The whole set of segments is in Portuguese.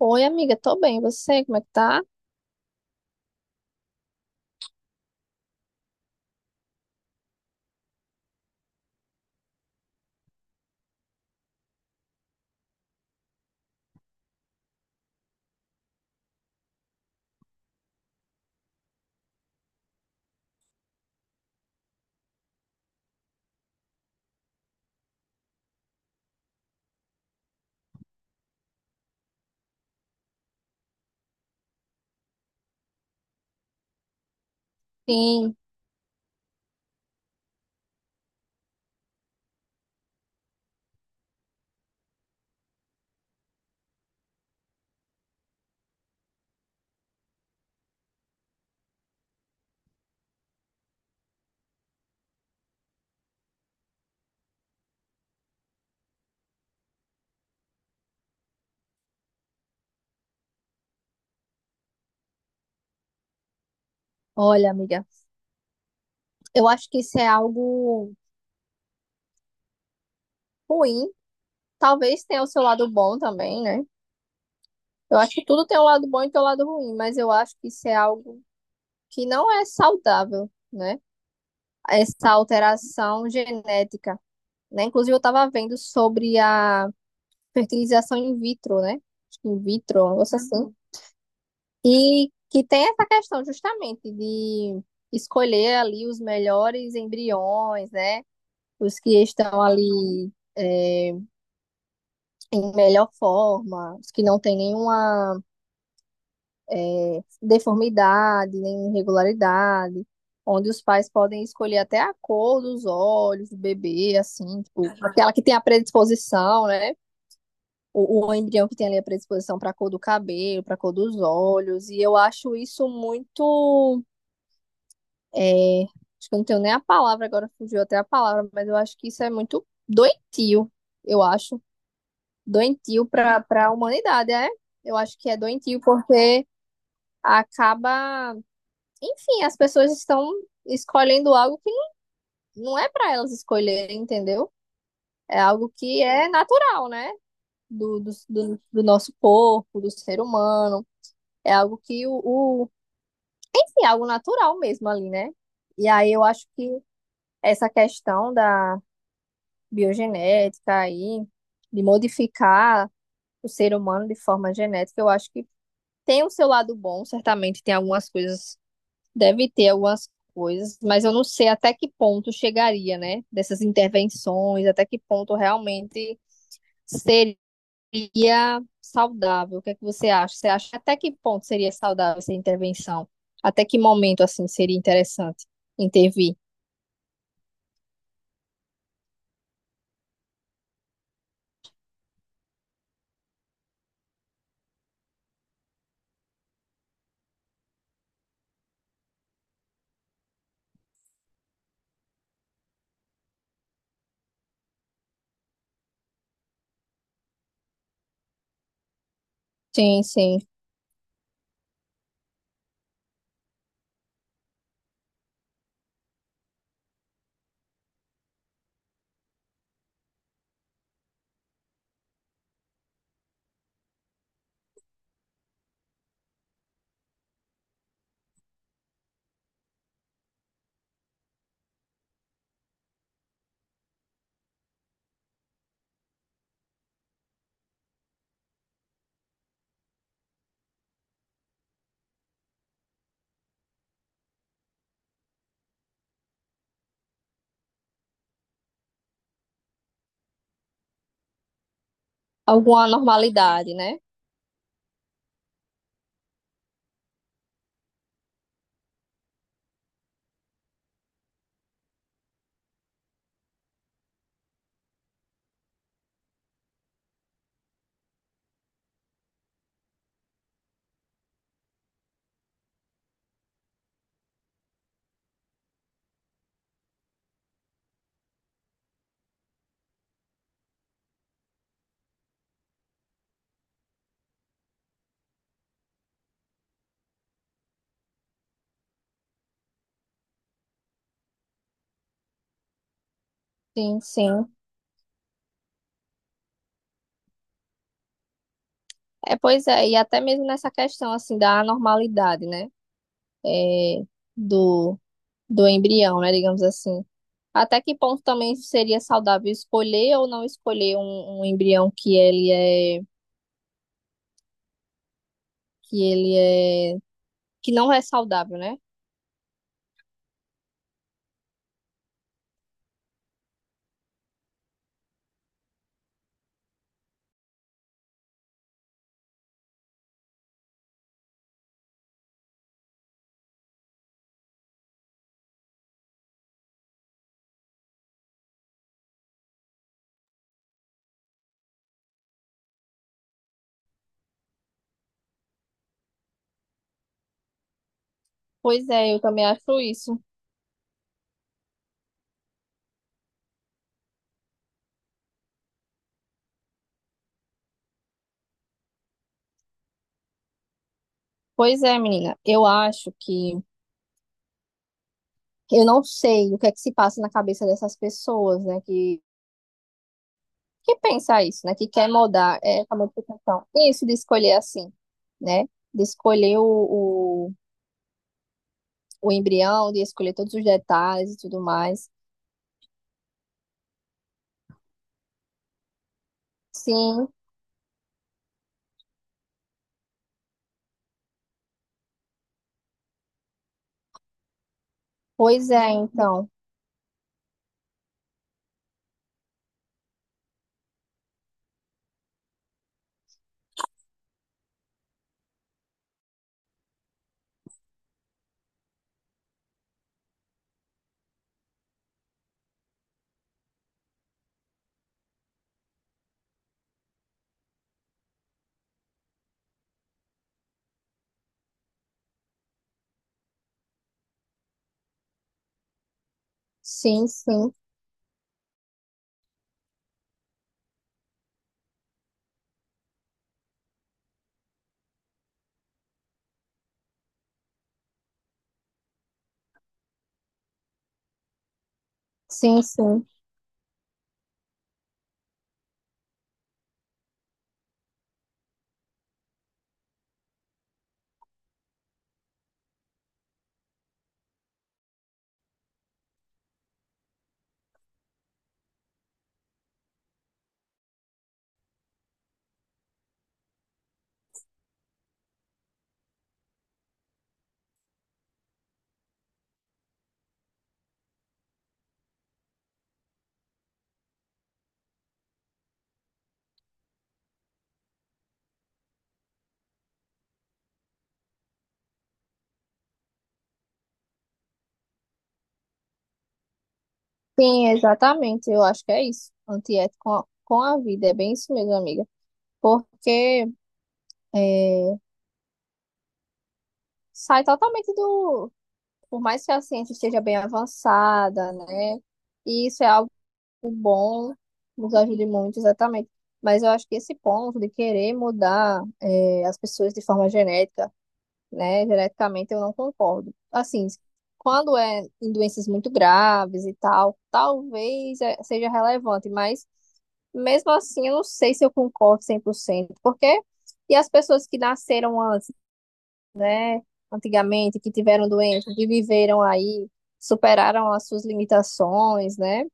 Oi, amiga, tô bem. E você, como é que tá? Sim. Olha, amiga, eu acho que isso é algo ruim. Talvez tenha o seu lado bom também, né? Eu acho que tudo tem um lado bom e tem um lado ruim, mas eu acho que isso é algo que não é saudável, né? Essa alteração genética, né? Inclusive, eu tava vendo sobre a fertilização in vitro, né? Acho que in vitro, um negócio assim. Uhum. E que tem essa questão justamente de escolher ali os melhores embriões, né? Os que estão ali é, em melhor forma, os que não têm nenhuma deformidade, nem irregularidade, onde os pais podem escolher até a cor dos olhos do bebê, assim, tipo, aquela que tem a predisposição, né? O embrião que tem ali a predisposição para a cor do cabelo, para a cor dos olhos, e eu acho isso muito. Acho que eu não tenho nem a palavra agora, fugiu até a palavra, mas eu acho que isso é muito doentio, eu acho. Doentio para a humanidade, é? Eu acho que é doentio porque acaba, enfim, as pessoas estão escolhendo algo que não é para elas escolherem, entendeu? É algo que é natural, né? Do nosso corpo, do ser humano. É algo que enfim, é algo natural mesmo ali, né? E aí eu acho que essa questão da biogenética aí, de modificar o ser humano de forma genética, eu acho que tem o seu lado bom, certamente tem algumas coisas, deve ter algumas coisas, mas eu não sei até que ponto chegaria, né? Dessas intervenções, até que ponto realmente seria saudável. O que é que você acha? Você acha até que ponto seria saudável essa intervenção? Até que momento, assim, seria interessante intervir? Sim, sim. Alguma normalidade, né? Sim, sim. É, pois é, e até mesmo nessa questão, assim, da anormalidade, né? É, do embrião, né, digamos assim. Até que ponto também seria saudável escolher ou não escolher um embrião que ele é que não é saudável, né? Pois é, eu também acho isso. Pois é, menina, eu acho que eu não sei o que é que se passa na cabeça dessas pessoas, né, que pensa isso, né, que quer mudar é a modificação. Isso de escolher assim, né? De escolher o embrião, de escolher todos os detalhes e tudo mais. Sim. Pois é, então. Sim, sim, sim, sim. Sim, exatamente. Eu acho que é isso. Antiético com a vida. É bem isso mesmo, amiga. Porque é, sai totalmente do. Por mais que a ciência esteja bem avançada, né? E isso é algo bom, nos ajude muito, exatamente. Mas eu acho que esse ponto de querer mudar as pessoas de forma genética. Né? Geneticamente eu não concordo. Assim, quando é em doenças muito graves e tal, talvez seja relevante, mas mesmo assim eu não sei se eu concordo 100% porque e as pessoas que nasceram antes, antigamente, que tiveram doença, que viveram aí, superaram as suas limitações, né?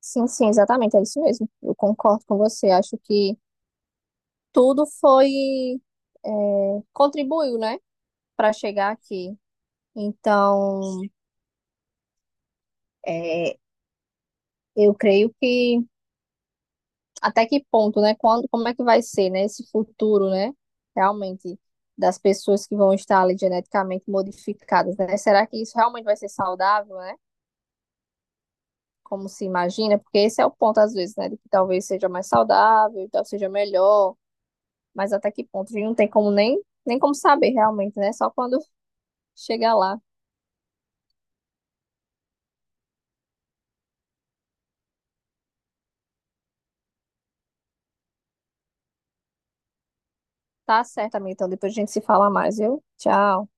Sim, sim, exatamente, é isso mesmo. Eu concordo com você. Acho que tudo foi, contribuiu, né, para chegar aqui. Então, é, eu creio que até que ponto, né? Quando, como é que vai ser, né? Esse futuro, né? Realmente das pessoas que vão estar ali geneticamente modificadas, né? Será que isso realmente vai ser saudável, né? Como se imagina? Porque esse é o ponto às vezes, né? De que talvez seja mais saudável, talvez seja melhor, mas até que ponto? A gente não tem como nem como saber realmente, né? Só quando chegar lá. Tá certo, amiga. Então depois a gente se fala mais, viu? Tchau.